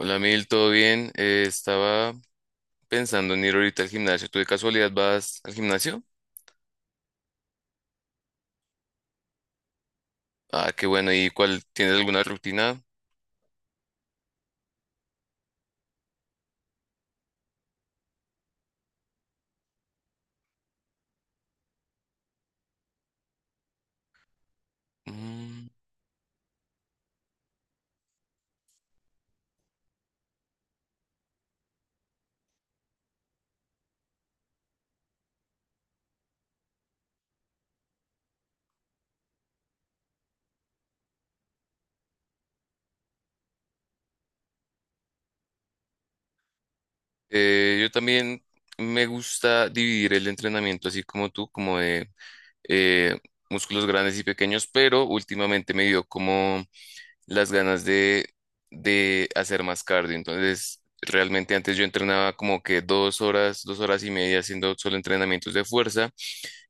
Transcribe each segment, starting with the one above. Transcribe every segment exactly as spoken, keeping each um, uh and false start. Hola Mil, ¿todo bien? Eh, estaba pensando en ir ahorita al gimnasio. ¿Tú de casualidad vas al gimnasio? Ah, qué bueno. ¿Y cuál? ¿Tienes alguna rutina? Mm, eh, yo también me gusta dividir el entrenamiento así como tú, como de eh, músculos grandes y pequeños, pero últimamente me dio como las ganas de, de hacer más cardio. Entonces, realmente antes yo entrenaba como que dos horas, dos horas y media haciendo solo entrenamientos de fuerza.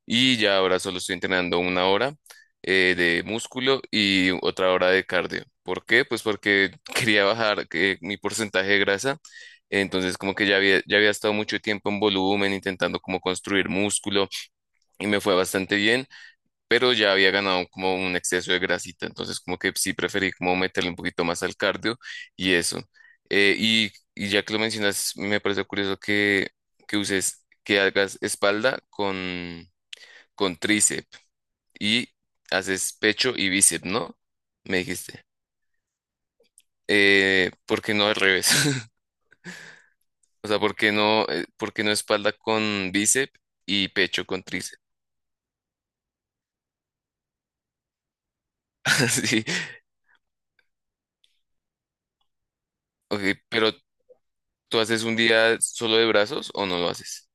Y ya ahora solo estoy entrenando una hora eh, de músculo y otra hora de cardio. ¿Por qué? Pues porque quería bajar eh, mi porcentaje de grasa. Entonces como que ya había, ya había estado mucho tiempo en volumen intentando como construir músculo y me fue bastante bien, pero ya había ganado como un exceso de grasita. Entonces como que sí preferí como meterle un poquito más al cardio y eso. Eh, y, y ya que lo mencionas, me parece curioso que, que uses, que hagas espalda con con tríceps y haces pecho y bíceps, ¿no? Me dijiste. Eh, ¿por qué no al revés? O sea, ¿por qué no, eh, por qué no espalda con bíceps y pecho con tríceps? Sí. Ok, pero ¿tú haces un día solo de brazos o no lo haces?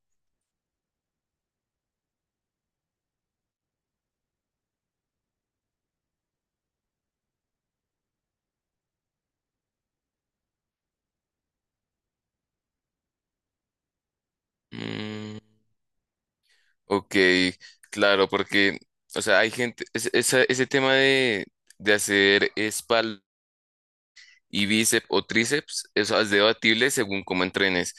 Mm, ok, claro, porque, o sea, hay gente, es- esa- ese tema de, de hacer espalda y bíceps o tríceps, eso es debatible según cómo entrenes.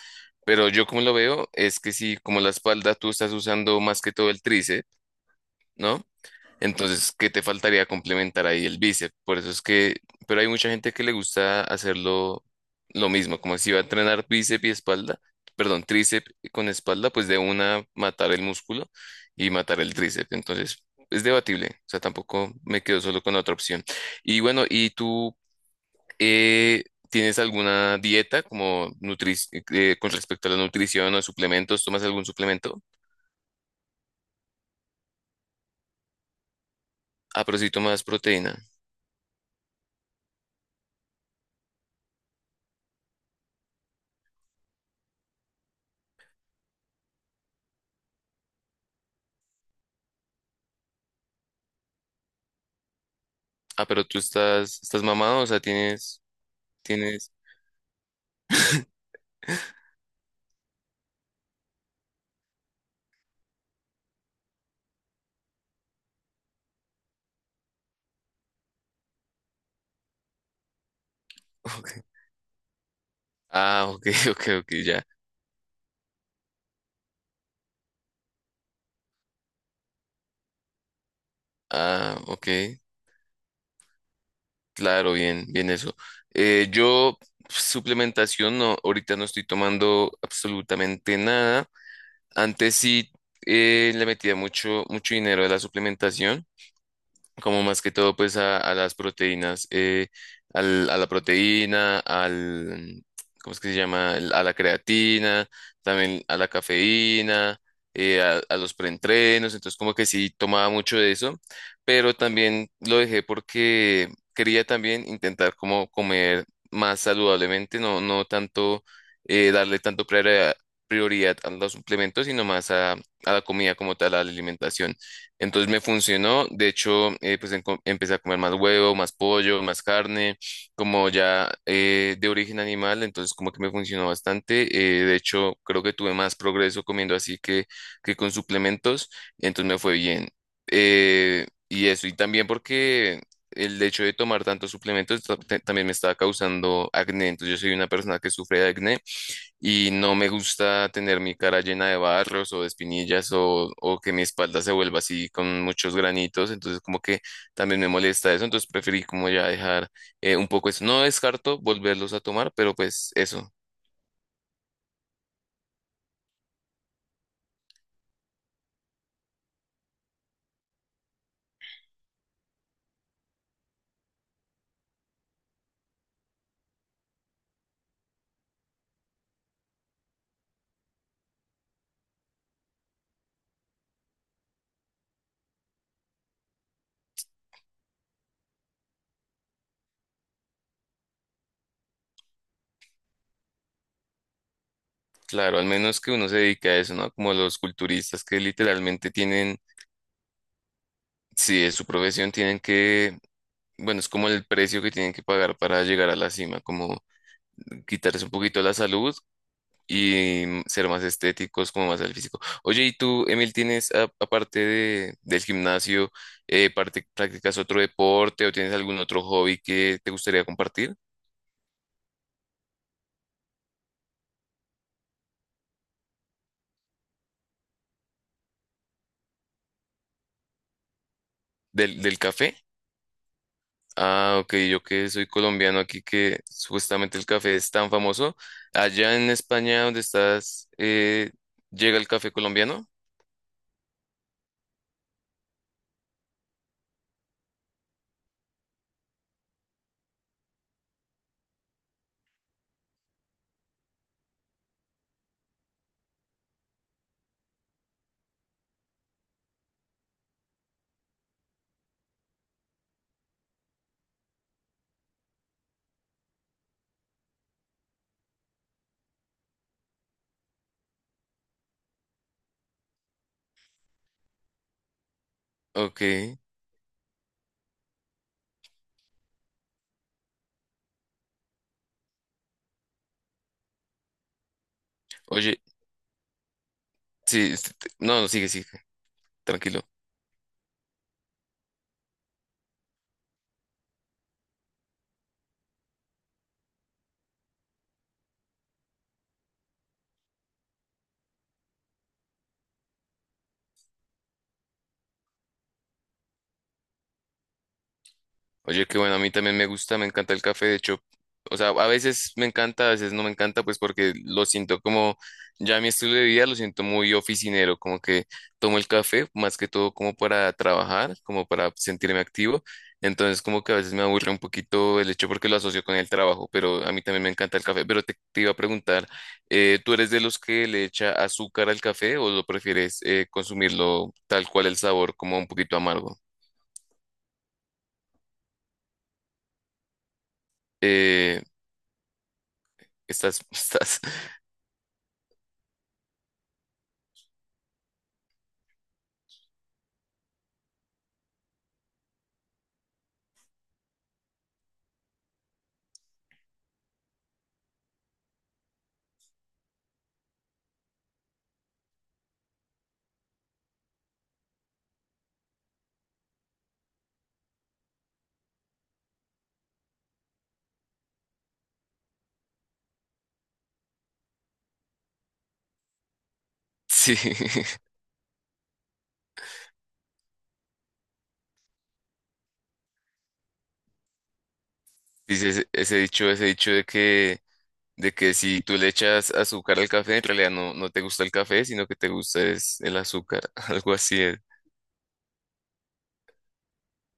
Pero yo como lo veo es que si como la espalda tú estás usando más que todo el tríceps, ¿no? Entonces, ¿qué te faltaría complementar ahí el bíceps? Por eso es que, pero hay mucha gente que le gusta hacerlo lo mismo, como si va a entrenar bíceps y espalda, perdón, tríceps con espalda, pues de una matar el músculo y matar el tríceps. Entonces, es debatible, o sea, tampoco me quedo solo con la otra opción. Y bueno, ¿y tú eh, tienes alguna dieta como nutri eh, con respecto a la nutrición o suplementos? ¿Tomas algún suplemento? Ah, pero sí tomas proteína. Ah, pero tú estás, estás mamado, o sea, tienes, tienes. Ok. Ah, ok, ok, ok, ya. Ah, ok. Claro, bien, bien eso. Eh, yo, suplementación, no, ahorita no estoy tomando absolutamente nada. Antes sí eh, le metía mucho, mucho dinero a la suplementación, como más que todo pues a, a las proteínas, eh, al- a la proteína, al, ¿cómo es que se llama? El- A la creatina, también a la cafeína, eh, a, a los preentrenos, entonces como que sí tomaba mucho de eso, pero también lo dejé porque quería también intentar como comer más saludablemente, no, no tanto eh, darle tanto prioridad, prioridad a los suplementos, sino más a, a la comida como tal, a la alimentación. Entonces me funcionó, de hecho, eh, pues enco- empecé a comer más huevo, más pollo, más carne, como ya eh, de origen animal, entonces como que me funcionó bastante. eh, de hecho, creo que tuve más progreso comiendo así que, que con suplementos, entonces me fue bien. Eh, y eso, y también porque el hecho de tomar tantos suplementos ta- te- también me estaba causando acné, entonces yo soy una persona que sufre de acné y no me gusta tener mi cara llena de barros o de espinillas o, o que mi espalda se vuelva así con muchos granitos, entonces como que también me molesta eso, entonces preferí como ya dejar eh, un poco eso. No descarto volverlos a tomar, pero pues eso, claro, al menos que uno se dedique a eso, ¿no? Como los culturistas que literalmente tienen, si es su profesión, tienen que... Bueno, es como el precio que tienen que pagar para llegar a la cima, como quitarse un poquito la salud y mm, ser más estéticos, como más al físico. Oye, ¿y tú, Emil, tienes, a- aparte de, del gimnasio, eh, parte- practicas otro deporte o tienes algún otro hobby que te gustaría compartir? ¿Del, del café? Ah, ok, yo que soy colombiano aquí, que supuestamente el café es tan famoso. Allá en España, donde estás, eh, ¿llega el café colombiano? Ok. Oye, sí, este, te- no, no, sigue, sigue, tranquilo. Oye, qué bueno, a mí también me gusta, me encanta el café, de hecho, o sea, a veces me encanta, a veces no me encanta, pues porque lo siento como, ya mi estilo de vida lo siento muy oficinero, como que tomo el café más que todo como para trabajar, como para sentirme activo, entonces como que a veces me aburre un poquito el hecho porque lo asocio con el trabajo, pero a mí también me encanta el café, pero te, te iba a preguntar, eh, ¿tú eres de los que le echa azúcar al café o lo prefieres eh, consumirlo tal cual el sabor, como un poquito amargo? Eh, estás, estás Sí, dice ese, ese dicho, ese dicho de que, de que si tú le echas azúcar al café, en realidad no, no te gusta el café, sino que te gusta es el azúcar, algo así es.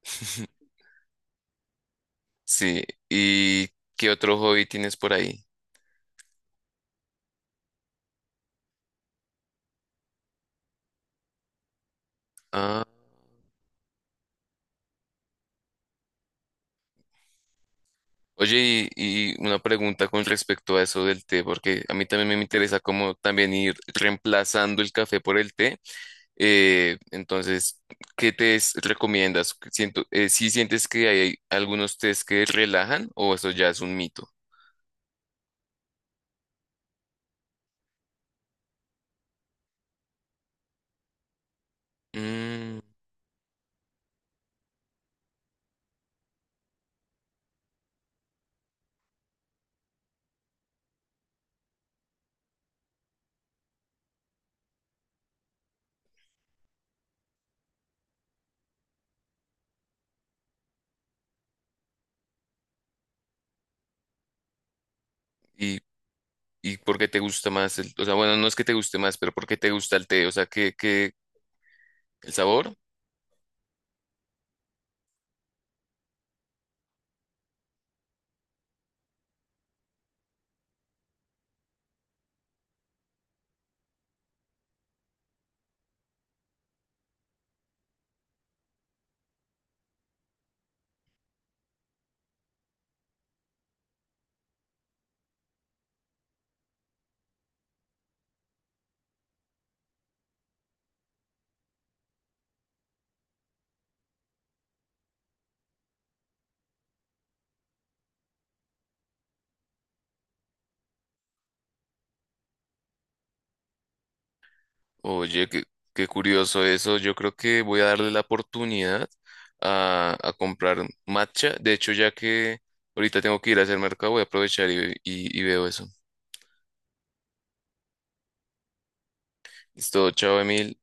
Sí, ¿y qué otro hobby tienes por ahí? Ah. Oye, y, y una pregunta con respecto a eso del té, porque a mí también me interesa cómo también ir reemplazando el café por el té. Eh, entonces, ¿qué tés recomiendas? Siento, eh, ¿sí sientes que hay algunos tés que relajan o eso ya es un mito? Mm, ¿y, y por qué te gusta más el, o sea, bueno, no es que te guste más, pero ¿por qué te gusta el té? O sea, ¿qué, qué, el sabor? Oye, qué, qué curioso eso. Yo creo que voy a darle la oportunidad a, a comprar matcha. De hecho, ya que ahorita tengo que ir a hacer mercado, voy a aprovechar y, y y veo eso. Listo, chao, Emil.